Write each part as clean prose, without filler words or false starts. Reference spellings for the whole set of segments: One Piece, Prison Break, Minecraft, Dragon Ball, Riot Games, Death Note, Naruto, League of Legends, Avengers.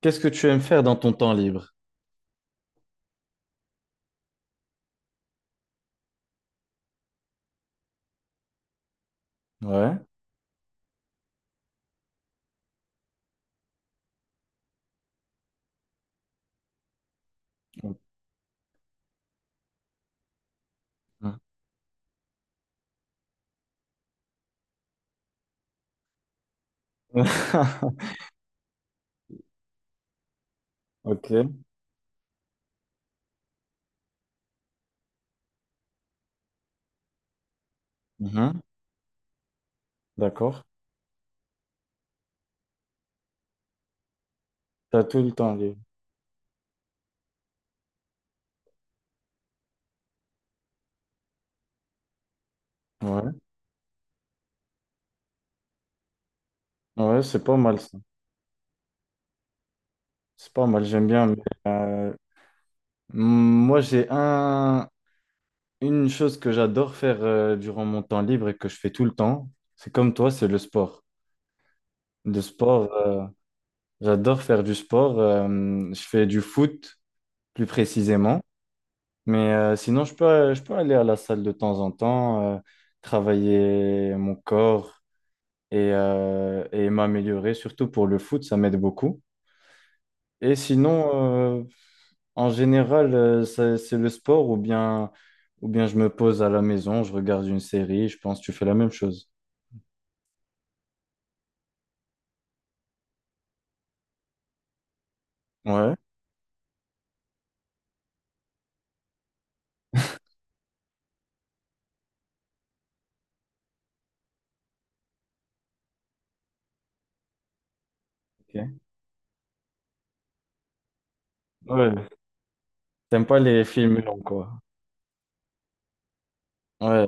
Qu'est-ce que tu aimes faire dans ton temps libre? Ouais. Ok. Mhm. D'accord. T'as tout le temps libre. Ouais. Ouais, c'est pas mal ça. C'est pas mal, j'aime bien. Mais, euh, moi, une chose que j'adore faire durant mon temps libre et que je fais tout le temps. C'est comme toi, c'est le sport. Le sport, euh, J'adore faire du sport. Je fais du foot, plus précisément. Mais sinon, je peux aller à la salle de temps en temps, travailler mon corps et m'améliorer, surtout pour le foot, ça m'aide beaucoup. Et sinon, en général, c'est le sport ou bien je me pose à la maison, je regarde une série, je pense que tu fais la même chose. Ouais. Ok. Ouais. T'aimes pas les films longs, quoi. Ouais.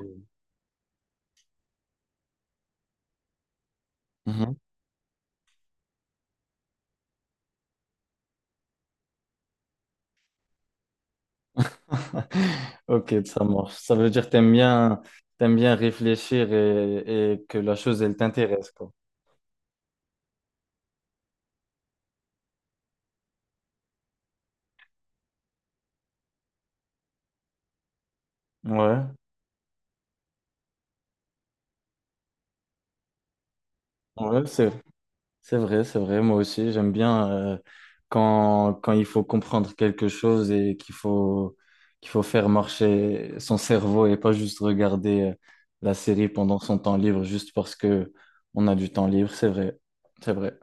Ok, ça marche. Ça veut dire que t'aimes bien réfléchir et que la chose, elle t'intéresse, quoi. Ouais, ouais, c'est vrai, c'est vrai. Moi aussi, j'aime bien quand, quand il faut comprendre quelque chose et qu'il faut faire marcher son cerveau et pas juste regarder la série pendant son temps libre juste parce que on a du temps libre. C'est vrai, c'est vrai.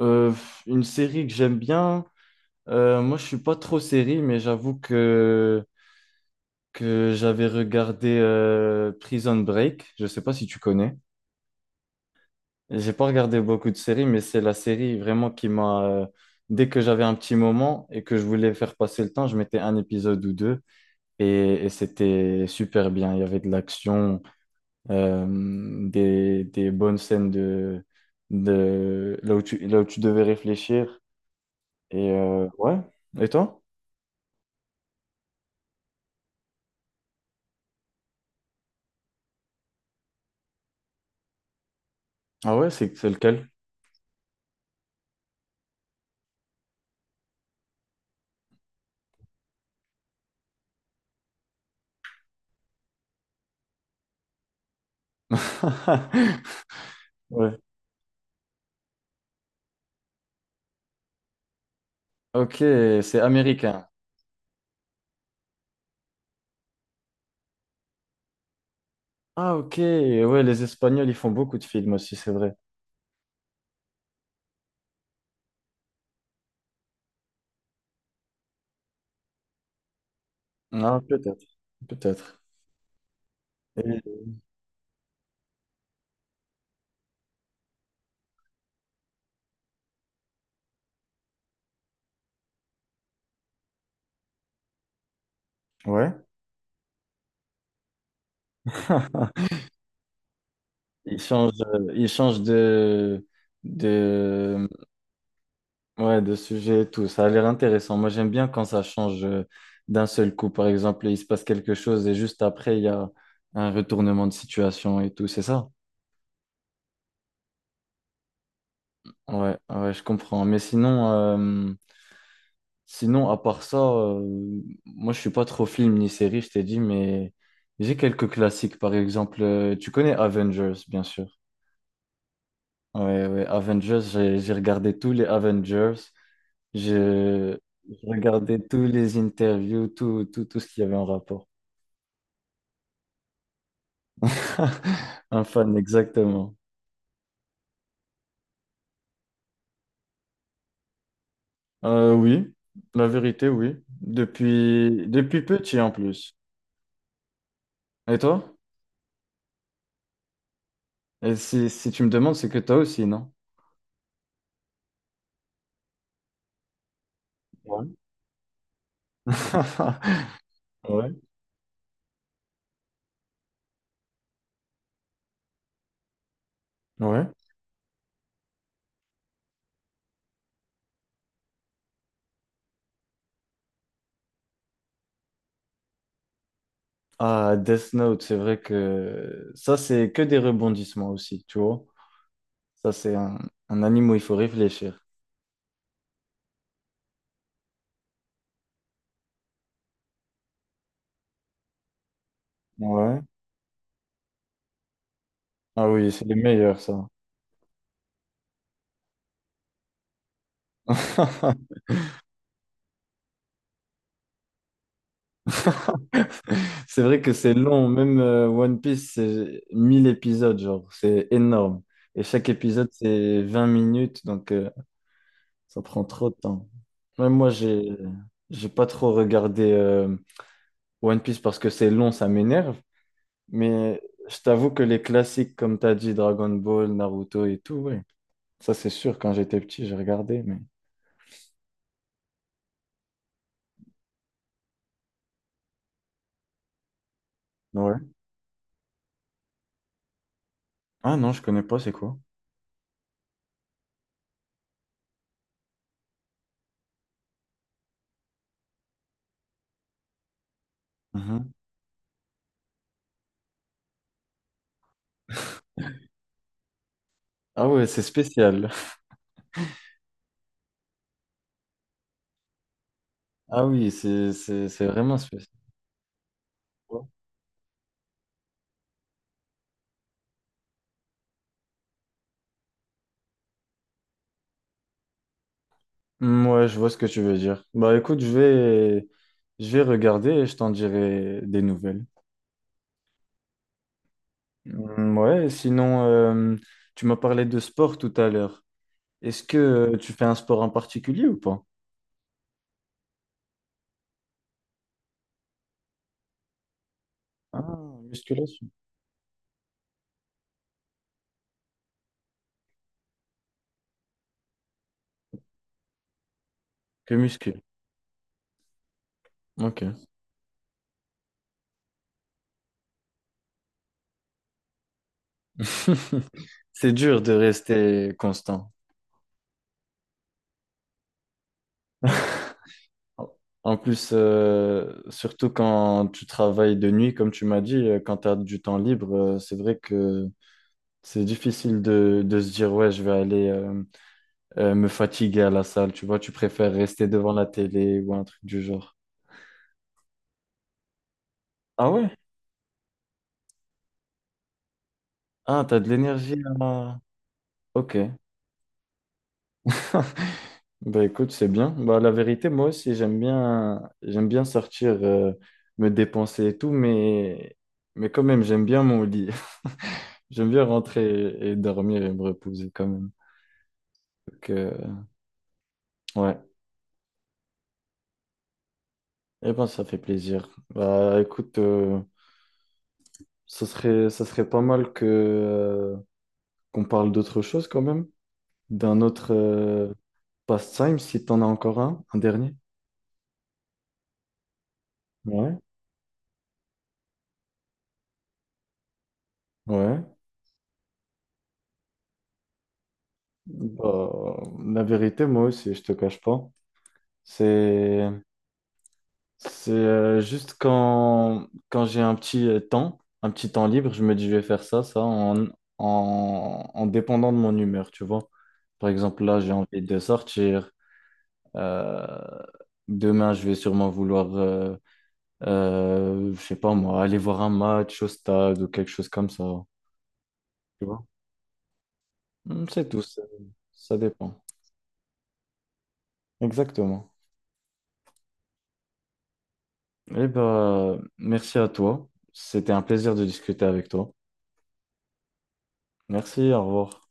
Euh, une série que j'aime bien, moi, je suis pas trop série, mais j'avoue que j'avais regardé Prison Break. Je sais pas si tu connais. J'ai pas regardé beaucoup de séries, mais c'est la série vraiment qui m'a. Dès que j'avais un petit moment et que je voulais faire passer le temps, je mettais un épisode ou deux et c'était super bien. Il y avait de l'action, euh, des bonnes scènes de là où tu devais réfléchir. Et ouais. Et toi? Ah ouais, c'est lequel? Ouais. Ok, c'est américain. Ah, ok. Ouais, les Espagnols, ils font beaucoup de films aussi, c'est vrai. Ah, peut-être. Peut-être. Et- Ouais. Ils changent de, ouais, de sujet et tout. Ça a l'air intéressant. Moi, j'aime bien quand ça change d'un seul coup. Par exemple, il se passe quelque chose et juste après, il y a un retournement de situation et tout. C'est ça? Ouais, ouais, je comprends. Mais sinon, sinon, à part ça, moi je suis pas trop film ni série, je t'ai dit, mais j'ai quelques classiques. Par exemple, tu connais Avengers, bien sûr. Ouais, ouais, Avengers, j'ai regardé tous les Avengers, j'ai j'ai regardé tous les interviews, tout, tout, tout ce qu'il y avait en rapport. Un fan, exactement. Oui, la vérité, oui. Depuis, depuis petit en plus. Et toi? Et si, si tu me demandes, c'est que toi aussi, non? Ouais. Ouais. Ouais. Ah, Death Note, c'est vrai que ça, c'est que des rebondissements aussi, tu vois. Ça, c'est un anime où il faut réfléchir. Ouais. Ah oui, c'est les meilleurs, ça. C'est vrai que c'est long, même One Piece, c'est 1000 épisodes, genre, c'est énorme. Et chaque épisode, c'est 20 minutes, donc ça prend trop de temps. Même moi, j'ai pas trop regardé One Piece parce que c'est long, ça m'énerve. Mais je t'avoue que les classiques, comme t'as dit, Dragon Ball, Naruto et tout, ouais. Ça, c'est sûr, quand j'étais petit, j'ai regardé, mais... Ouais. Ah non, je connais pas, c'est quoi? Mhm. Ah ouais, c'est spécial. Ah oui, c'est vraiment spécial. Hmm, ouais, je vois ce que tu veux dire. Bah écoute, je vais regarder et je t'en dirai des nouvelles. Hmm, ouais, sinon, tu m'as parlé de sport tout à l'heure. Est-ce que tu fais un sport en particulier ou pas? Ah, musculation. Que muscu. Ok. C'est dur de rester constant. En plus, surtout quand tu travailles de nuit, comme tu m'as dit, quand tu as du temps libre, c'est vrai que c'est difficile de se dire, ouais, je vais aller me fatiguer à la salle. Tu vois, tu préfères rester devant la télé ou un truc du genre. Ah ouais? Ah, t'as de l'énergie à... Ok. Bah écoute, c'est bien. Bah la vérité, moi aussi, j'aime bien sortir me dépenser et tout, mais quand même, j'aime bien mon lit. J'aime bien rentrer et dormir et me reposer quand même. Donc ouais. Eh ben ça fait plaisir. Bah écoute, ça serait pas mal que qu'on parle d'autre chose quand même, d'un autre pastime si t'en as encore un dernier. Ouais. Ouais. Bah, la vérité, moi aussi, je te cache pas. C'est, juste quand, quand j'ai un petit temps, un petit temps libre, je me dis je vais faire ça, ça, en, en, en dépendant de mon humeur, tu vois. Par exemple, là, j'ai envie de sortir. euh, Demain, je vais sûrement vouloir, je sais pas moi, aller voir un match au stade ou quelque chose comme ça. Tu vois? Hmm, c'est tout, ça dépend. Exactement. Eh ben, merci à toi. C'était un plaisir de discuter avec toi. Merci, au revoir.